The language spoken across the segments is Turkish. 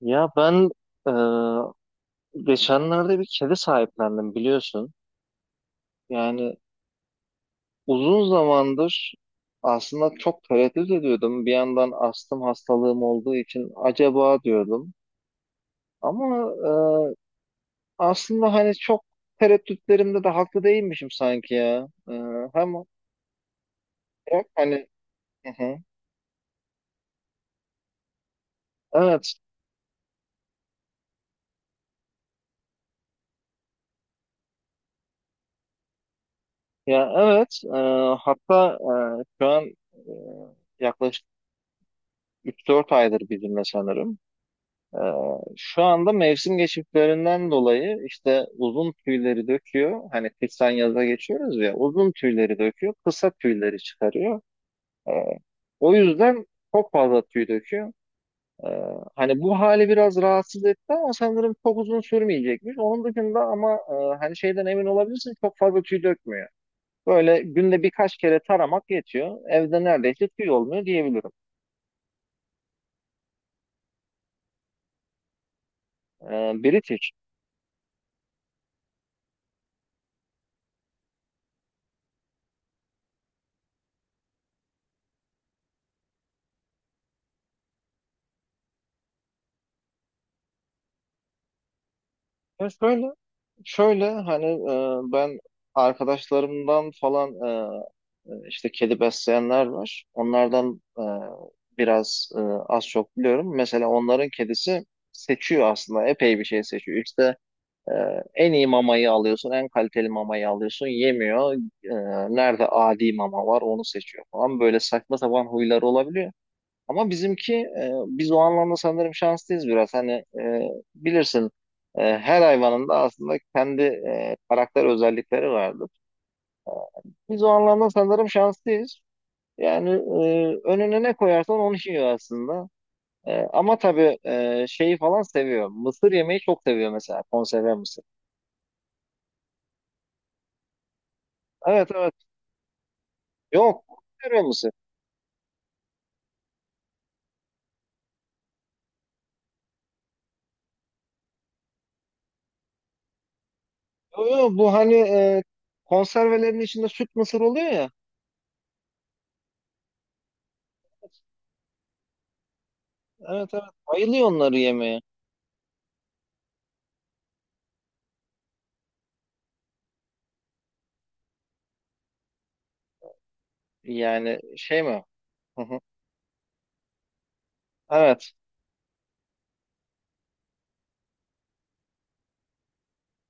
Ya ben e, geçenlerde bir kedi sahiplendim biliyorsun. Yani uzun zamandır aslında çok tereddüt ediyordum. Bir yandan astım hastalığım olduğu için acaba diyordum. Ama e, aslında hani çok tereddütlerimde de haklı değilmişim sanki ya. Hem hem hani. Hı hı. Evet, ya evet. Hatta şu an, yaklaşık 3-4 aydır bizimle sanırım. Ee, Şu anda mevsim geçişlerinden dolayı işte uzun tüyleri döküyor. Hani kıştan yaza geçiyoruz ya, uzun tüyleri döküyor, kısa tüyleri çıkarıyor. Ee, O yüzden çok fazla tüy döküyor. Ee, Hani bu hali biraz rahatsız etti ama sanırım çok uzun sürmeyecekmiş. Onun dışında ama hani şeyden emin olabilirsin, çok fazla tüy dökmüyor. Böyle günde birkaç kere taramak yetiyor. Evde neredeyse tüy olmuyor diyebilirim. British. Ya şöyle, hani ben arkadaşlarımdan falan, işte kedi besleyenler var. Onlardan biraz, az çok biliyorum. Mesela onların kedisi seçiyor, aslında epey bir şey seçiyor. İşte e, en iyi mamayı alıyorsun, en kaliteli mamayı alıyorsun, yemiyor. E, Nerede adi mama var onu seçiyor falan. Böyle saçma sapan huyları olabiliyor. Ama bizimki, biz o anlamda sanırım şanslıyız biraz. Hani, e, bilirsin, her hayvanın da aslında kendi karakter özellikleri vardır. Biz o anlamda sanırım şanslıyız. Yani önüne ne koyarsan onu yiyor aslında. Ama tabii şeyi falan seviyor. Mısır yemeyi çok seviyor, mesela konserve mısır. Evet, evet. Yok, konserve mısır. Yok yok, bu hani konservelerin içinde süt mısır oluyor ya. Evet, evet. Bayılıyor onları yemeye. Yani şey mi? Evet.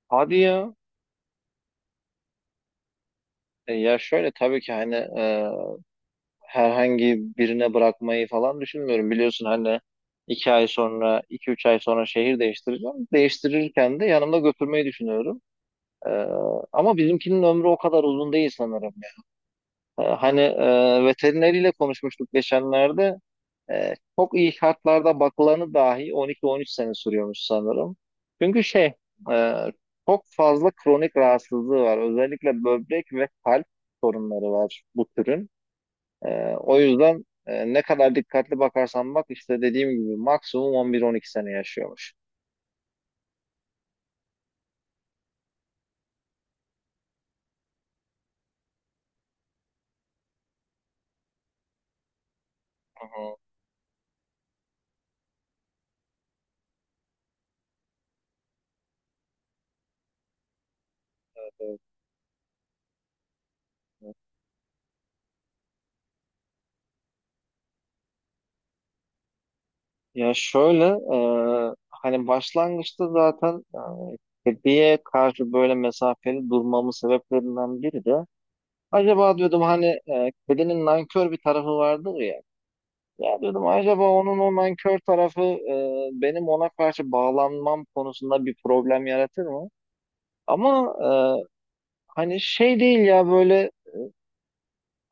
Hadi ya. Ya şöyle, tabii ki hani herhangi birine bırakmayı falan düşünmüyorum. Biliyorsun hani 2 ay sonra, 2-3 ay sonra şehir değiştireceğim. Değiştirirken de yanımda götürmeyi düşünüyorum. E, Ama bizimkinin ömrü o kadar uzun değil sanırım. Hani, veterineriyle konuşmuştuk geçenlerde. Ee, Çok iyi şartlarda bakılanı dahi 12-13 sene sürüyormuş sanırım. Çünkü şey, e, çok fazla kronik rahatsızlığı var. Özellikle böbrek ve kalp sorunları var bu türün. Ee, O yüzden ne kadar dikkatli bakarsan bak, işte dediğim gibi, maksimum 11-12 sene yaşıyormuş. Hı hı, evet, evet. Ya şöyle, hani başlangıçta zaten kediye karşı böyle mesafeli durmamın sebeplerinden biri de, acaba diyordum hani, kedinin nankör bir tarafı vardır ya. Ya diyordum, acaba onun o nankör tarafı benim ona karşı bağlanmam konusunda bir problem yaratır mı? Ama hani şey değil ya, böyle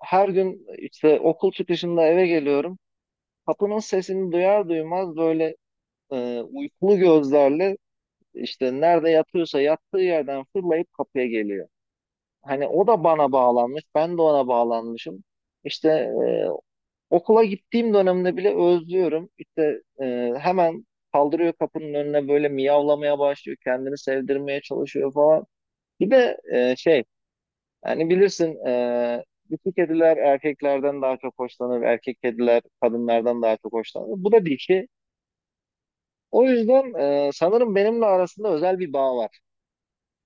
her gün işte okul çıkışında eve geliyorum. Kapının sesini duyar duymaz böyle uykulu gözlerle, işte nerede yatıyorsa yattığı yerden fırlayıp kapıya geliyor. Hani o da bana bağlanmış, ben de ona bağlanmışım. İşte e, Okula gittiğim dönemde bile özlüyorum. İşte hemen kaldırıyor, kapının önüne böyle miyavlamaya başlıyor. Kendini sevdirmeye çalışıyor falan. Bir de şey. Yani bilirsin, dişi kediler erkeklerden daha çok hoşlanır. Erkek kediler kadınlardan daha çok hoşlanır. Bu da dişi. O yüzden sanırım benimle arasında özel bir bağ var.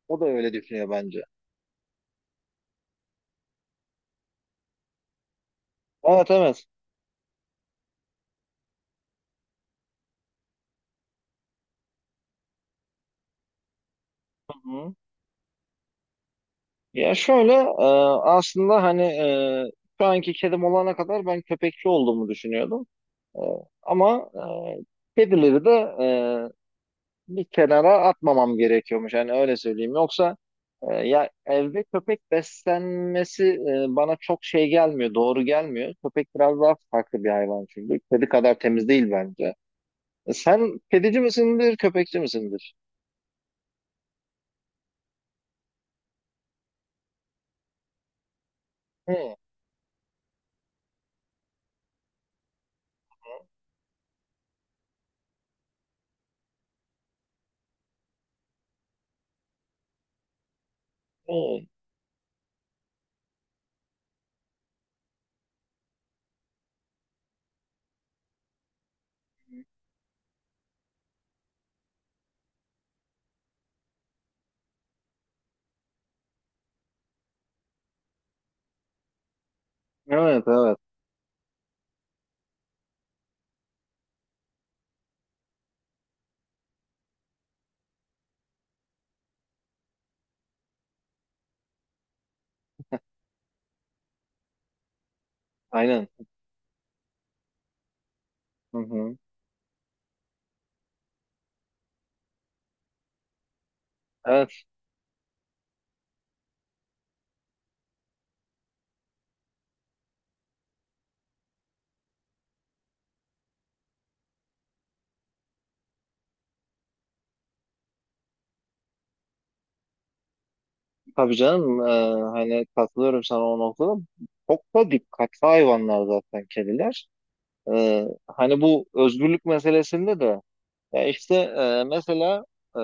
O da öyle düşünüyor bence. Evet, evet. Hı hı. Ya şöyle, aslında hani şu anki kedim olana kadar ben köpekçi olduğumu düşünüyordum. E, Ama kedileri de e, bir kenara atmamam gerekiyormuş. Yani öyle söyleyeyim. Yoksa, ya evde köpek beslenmesi bana çok şey gelmiyor, doğru gelmiyor. Köpek biraz daha farklı bir hayvan çünkü. Kedi kadar temiz değil bence. Sen kedici misindir, köpekçi misindir? Hı, hı. Evet, evet. Aynen. Hı hı. Evet, tabii canım. Hani katılıyorum sana o noktada. Çok da dikkatli hayvanlar zaten kediler. Hani bu özgürlük meselesinde de, ya işte mesela, e,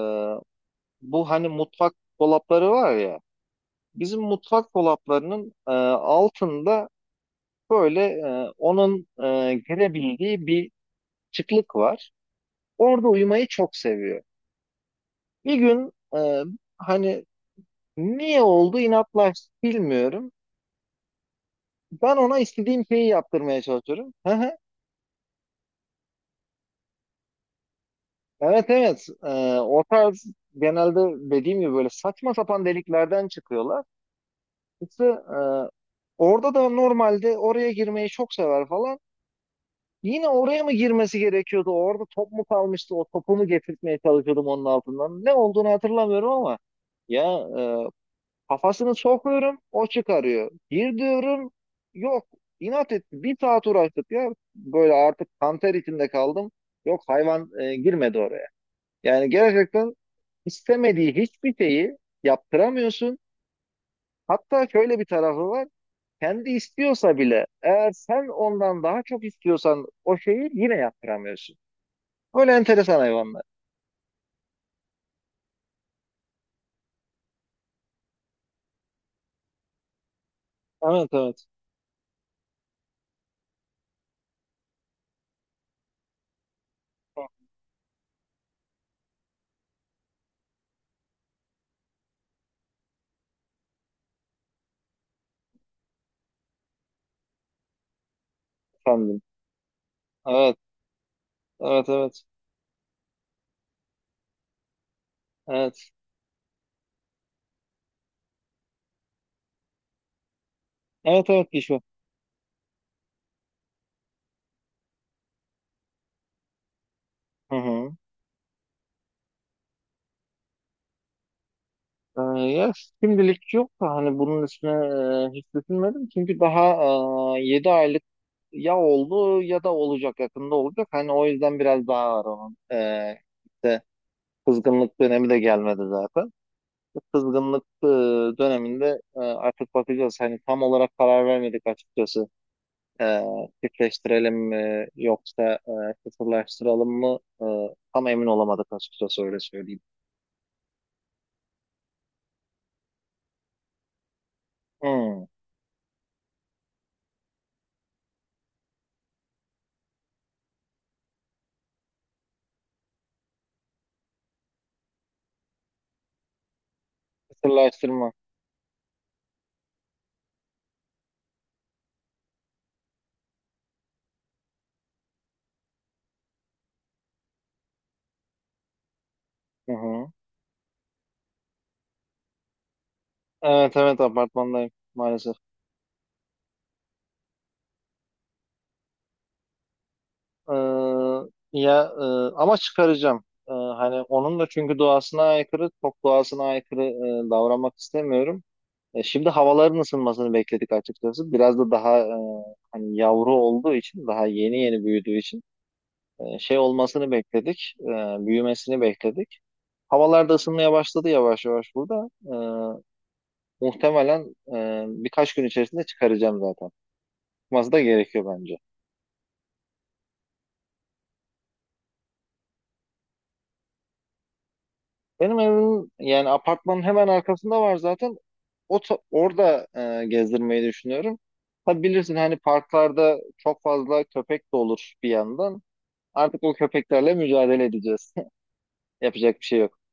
bu hani mutfak dolapları var ya, bizim mutfak dolaplarının altında böyle onun girebildiği bir çıklık var. Orada uyumayı çok seviyor. Bir gün hani niye oldu, inatlaştı bilmiyorum. Ben ona istediğim şeyi yaptırmaya çalışıyorum. Evet, evet. O tarz, genelde dediğim gibi, böyle saçma sapan deliklerden çıkıyorlar. İşte orada da normalde oraya girmeyi çok sever falan. Yine oraya mı girmesi gerekiyordu? Orada top mu kalmıştı? O topumu getirtmeye çalışıyordum onun altından. Ne olduğunu hatırlamıyorum ama ya, e, kafasını sokuyorum, o çıkarıyor. Gir diyorum, yok, inat etti. Bir saat uğraştık ya, böyle artık kanter içinde kaldım. Yok, hayvan girmedi oraya. Yani gerçekten istemediği hiçbir şeyi yaptıramıyorsun. Hatta şöyle bir tarafı var: kendi istiyorsa bile, eğer sen ondan daha çok istiyorsan, o şeyi yine yaptıramıyorsun. Böyle enteresan hayvanlar. Evet, evet. Efendim. Evet, evet, evet. Evet. Evet, evet, Gişo. Hı hı. Ya, şimdilik yok da, hani bunun üstüne hiç düşünmedim. Çünkü daha 7 aylık ya oldu, ya da olacak, yakında olacak. Hani o yüzden biraz daha var onun. İşte kızgınlık dönemi de gelmedi zaten. Bu kızgınlık döneminde artık bakacağız. Hani tam olarak karar vermedik açıkçası. E, Çiftleştirelim mi yoksa kısırlaştıralım mı? Tam emin olamadık açıkçası, öyle söyleyeyim. Hmm. Kısırlaştırma. Hı hı. Evet, evet, apartmandayım maalesef. E, Ya ama çıkaracağım. Hani onun da, çünkü doğasına aykırı, çok doğasına aykırı davranmak istemiyorum. Şimdi havaların ısınmasını bekledik açıkçası. Biraz da daha, hani yavru olduğu için, daha yeni yeni büyüdüğü için şey olmasını bekledik, büyümesini bekledik. Havalar da ısınmaya başladı yavaş yavaş burada. Muhtemelen birkaç gün içerisinde çıkaracağım zaten. Çıkması da gerekiyor bence. Benim evimin, yani apartmanın hemen arkasında var zaten. Orada gezdirmeyi düşünüyorum. Tabii bilirsin hani, parklarda çok fazla köpek de olur bir yandan. Artık o köpeklerle mücadele edeceğiz. Yapacak bir şey yok.